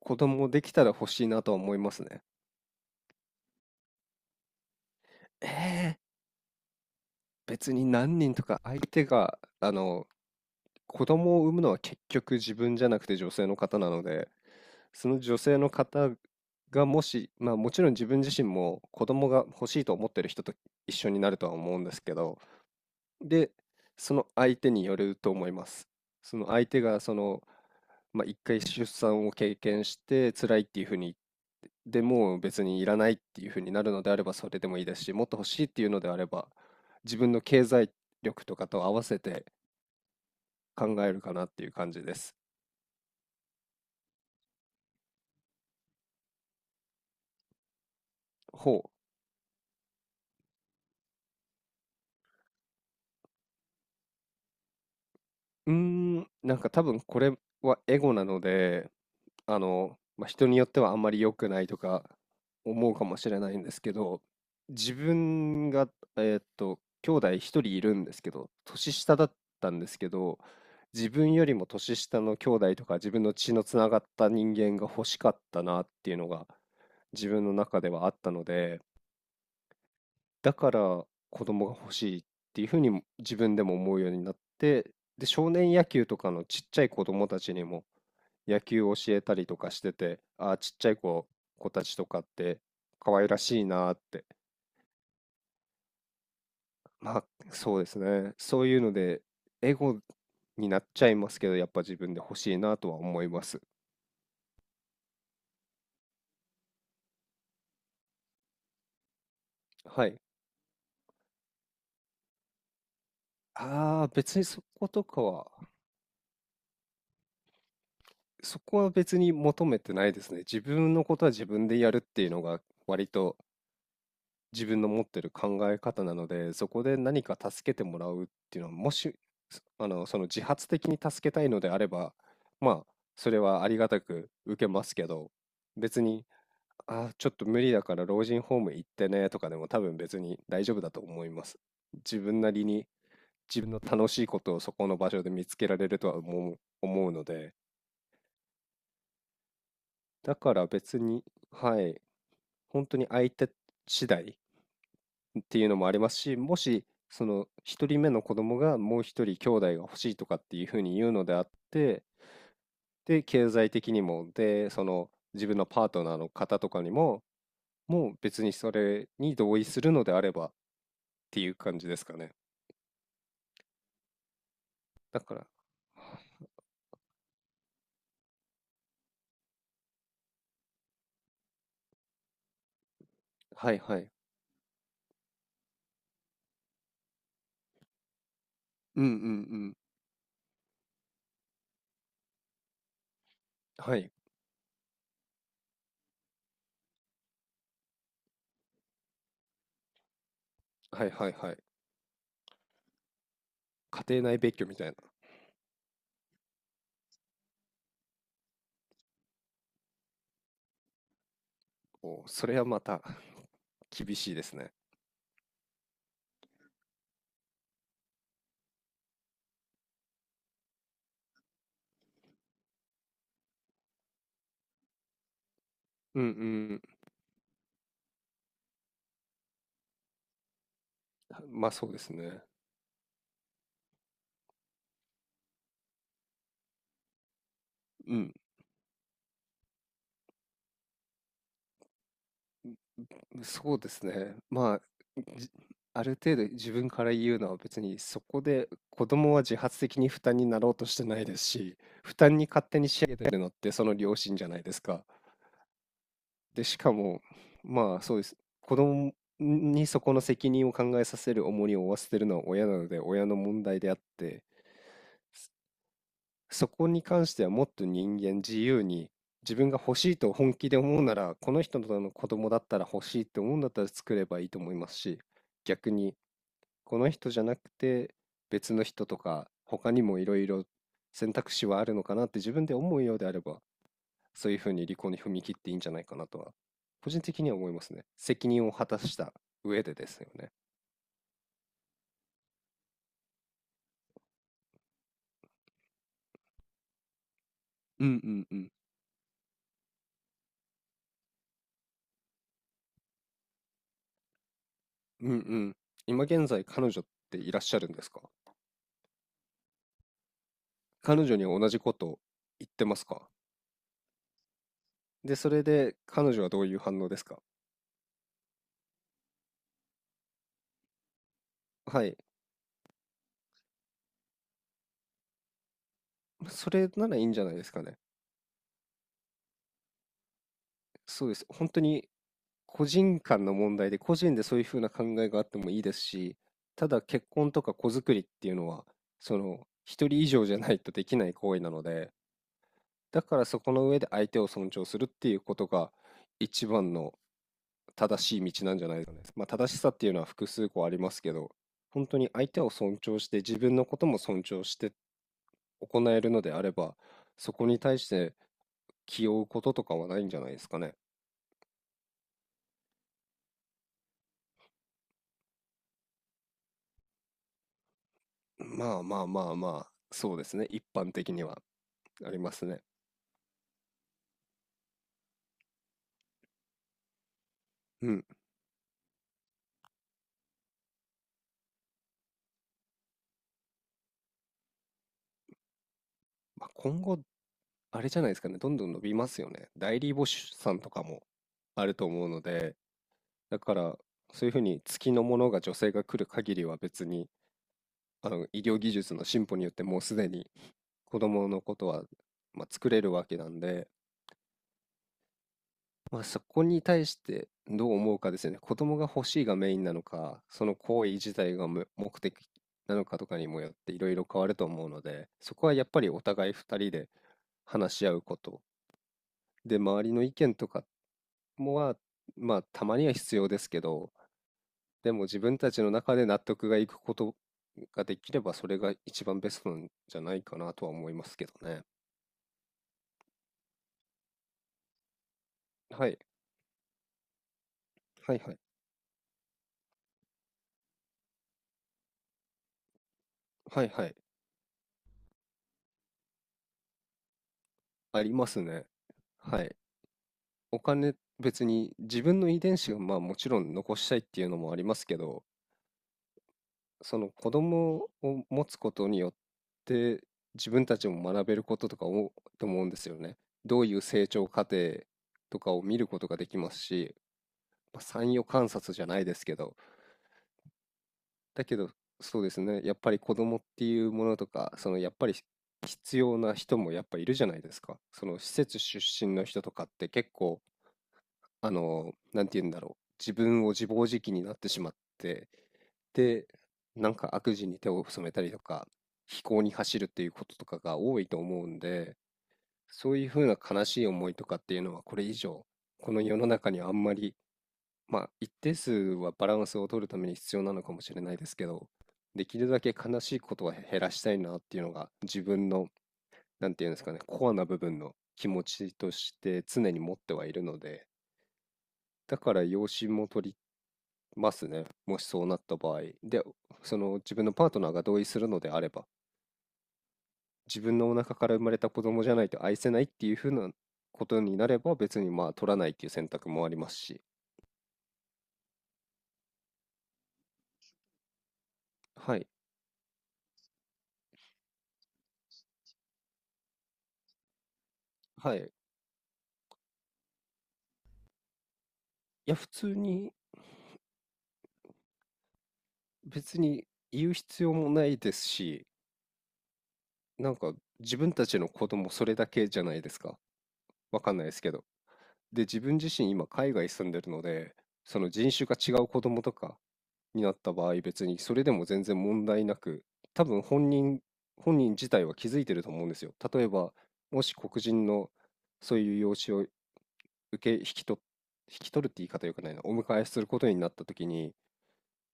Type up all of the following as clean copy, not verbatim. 子供できたら欲しいなとは思いますね。えー別に何人とか相手が、子供を産むのは結局自分じゃなくて女性の方なので、その女性の方がもし、まあもちろん自分自身も子供が欲しいと思ってる人と一緒になるとは思うんですけど、で、その相手によると思います。その相手がまあ、一回出産を経験して辛いっていうふうに、でもう別にいらないっていうふうになるのであればそれでもいいですし、もっと欲しいっていうのであれば、自分の経済力とかと合わせて考えるかなっていう感じです。ほう。なんか多分これはエゴなので、まあ、人によってはあんまり良くないとか思うかもしれないんですけど、自分が、兄弟一人いるんですけど、年下だったんですけど、自分よりも年下の兄弟とか自分の血のつながった人間が欲しかったなっていうのが自分の中ではあったので、だから子供が欲しいっていうふうにも自分でも思うようになって、で、少年野球とかのちっちゃい子供たちにも野球を教えたりとかしてて、ああ、ちっちゃい子たちとかって可愛らしいなーって。まあ、そうですね。そういうので、エゴになっちゃいますけど、やっぱ自分で欲しいなとは思います。はい。ああ、別にそことかは、そこは別に求めてないですね。自分のことは自分でやるっていうのが割と自分の持ってる考え方なので、そこで何か助けてもらうっていうのは、もし、その自発的に助けたいのであれば、まあ、それはありがたく受けますけど、別に、ちょっと無理だから老人ホーム行ってねとかでも多分別に大丈夫だと思います。自分なりに自分の楽しいことをそこの場所で見つけられるとは思うので、だから別に、はい、本当に相手次第っていうのもありますし、もし、その一人目の子供がもう一人兄弟が欲しいとかっていうふうに言うのであって、で、経済的にも、で、その自分のパートナーの方とかにも、もう別にそれに同意するのであればっていう感じですかね。だから、はいはい。うんうんうん。はい。はいはいはい。家庭内別居みたいな。お、それはまた 厳しいですね。うんうん。まあそうですね。うんそうですね。まあ、じある程度自分から言うのは別にそこで子供は自発的に負担になろうとしてないですし、負担に勝手に仕上げてるのってその両親じゃないですか。で、しかも、まあそうです。子供にそこの責任を考えさせる重荷を負わせてるのは親なので親の問題であって、そこに関してはもっと人間自由に自分が欲しいと本気で思うなら、この人の子供だったら欲しいって思うんだったら作ればいいと思いますし、逆にこの人じゃなくて別の人とか他にもいろいろ選択肢はあるのかなって自分で思うようであればそういうふうに離婚に踏み切っていいんじゃないかなとは個人的には思いますね。責任を果たした上でですよね。うんうんうんうんうん。今現在彼女っていらっしゃるんですか？彼女に同じこと言ってますか？でそれで彼女はどういう反応ですか？はい、それならいいんじゃないですかね。そうです。本当に個人間の問題で個人でそういうふうな考えがあってもいいですし、ただ結婚とか子作りっていうのは、その一人以上じゃないとできない行為なので、だからそこの上で相手を尊重するっていうことが一番の正しい道なんじゃないですかね。まあ正しさっていうのは複数個ありますけど、本当に相手を尊重して自分のことも尊重して行えるのであれば、そこに対して気負うこととかはないんじゃないですかね。まあまあまあまあ、そうですね、一般的には。ありますね。うん。まあ、今後、あれじゃないですかね、どんどん伸びますよね。代理母子さんとかもあると思うので、だから、そういうふうに月のものが女性が来る限りは別に、医療技術の進歩によってもうすでに子供のことは、まあ、作れるわけなんで、まあ、そこに対してどう思うかですよね。子供が欲しいがメインなのか、その行為自体が目的なのかとかにもよっていろいろ変わると思うので、そこはやっぱりお互い2人で話し合うことで、周りの意見とかもは、まあ、たまには必要ですけど、でも自分たちの中で納得がいくことができれば、それが一番ベストなんじゃないかなとは思いますけどね。はい。はいはい。はいはい。ありますね。はい。お金、別に自分の遺伝子をまあもちろん残したいっていうのもありますけど、その子供を持つことによって自分たちも学べることとか思うと思うんですよね。どういう成長過程とかを見ることができますし、まあ、参与観察じゃないですけど、だけどそうですね、やっぱり子供っていうものとか、そのやっぱり必要な人もやっぱいるじゃないですか。その施設出身の人とかって結構、なんて言うんだろう、自分を自暴自棄になってしまって、で、なんか悪事に手を染めたりとか、非行に走るっていうこととかが多いと思うんで、そういうふうな悲しい思いとかっていうのはこれ以上、この世の中にあんまり、まあ一定数はバランスを取るために必要なのかもしれないですけど、できるだけ悲しいことは減らしたいなっていうのが自分の、なんていうんですかね、コアな部分の気持ちとして常に持ってはいるので、だから養子も取りますね。もしそうなった場合。で、その自分のパートナーが同意するのであれば、自分のお腹から生まれた子供じゃないと愛せないっていうふうなことになれば、別にまあ取らないっていう選択もありますし。はい。はい。いや、普通に別に言う必要もないですし、なんか自分たちの子供それだけじゃないですか。わかんないですけど。で、自分自身今海外住んでるので、その人種が違う子供とか、になった場合、別にそれでも全然問題なく、多分本人自体は気づいてると思うんですよ。例えば、もし黒人のそういう養子を受け、引き取っ、引き取るって言い方よくないな、お迎えすることになった時に、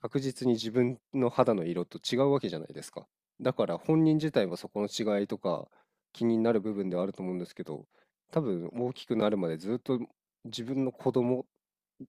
確実に自分の肌の色と違うわけじゃないですか。だから本人自体はそこの違いとか気になる部分ではあると思うんですけど、多分大きくなるまでずっと自分の子供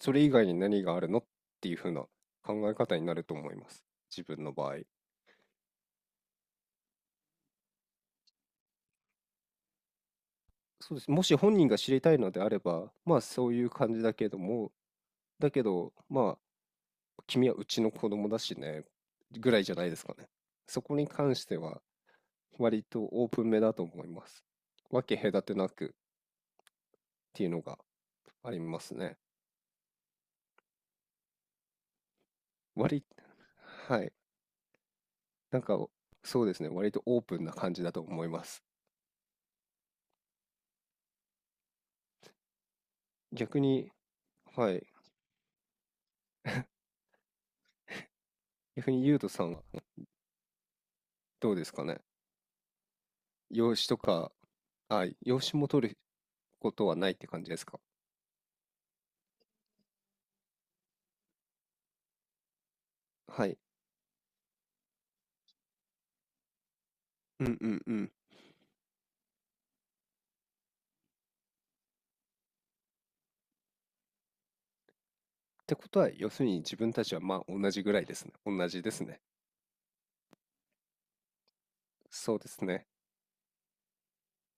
それ以外に何があるのっていう風な考え方になると思います。自分の場合。そうです。もし本人が知りたいのであれば、まあそういう感じだけども、だけど、まあ、君はうちの子供だしね、ぐらいじゃないですかね。そこに関しては、割とオープンめだと思います。分け隔てなくっていうのがありますね。割、はい。なんか、そうですね。割とオープンな感じだと思います。逆に、はい。逆にゆうとさんはどうですかね。養子とか、養子も取ることはないって感じですか。はい。うんうんうん。ってことは、要するに自分たちはまあ同じぐらいですね。同じですね。そうですね。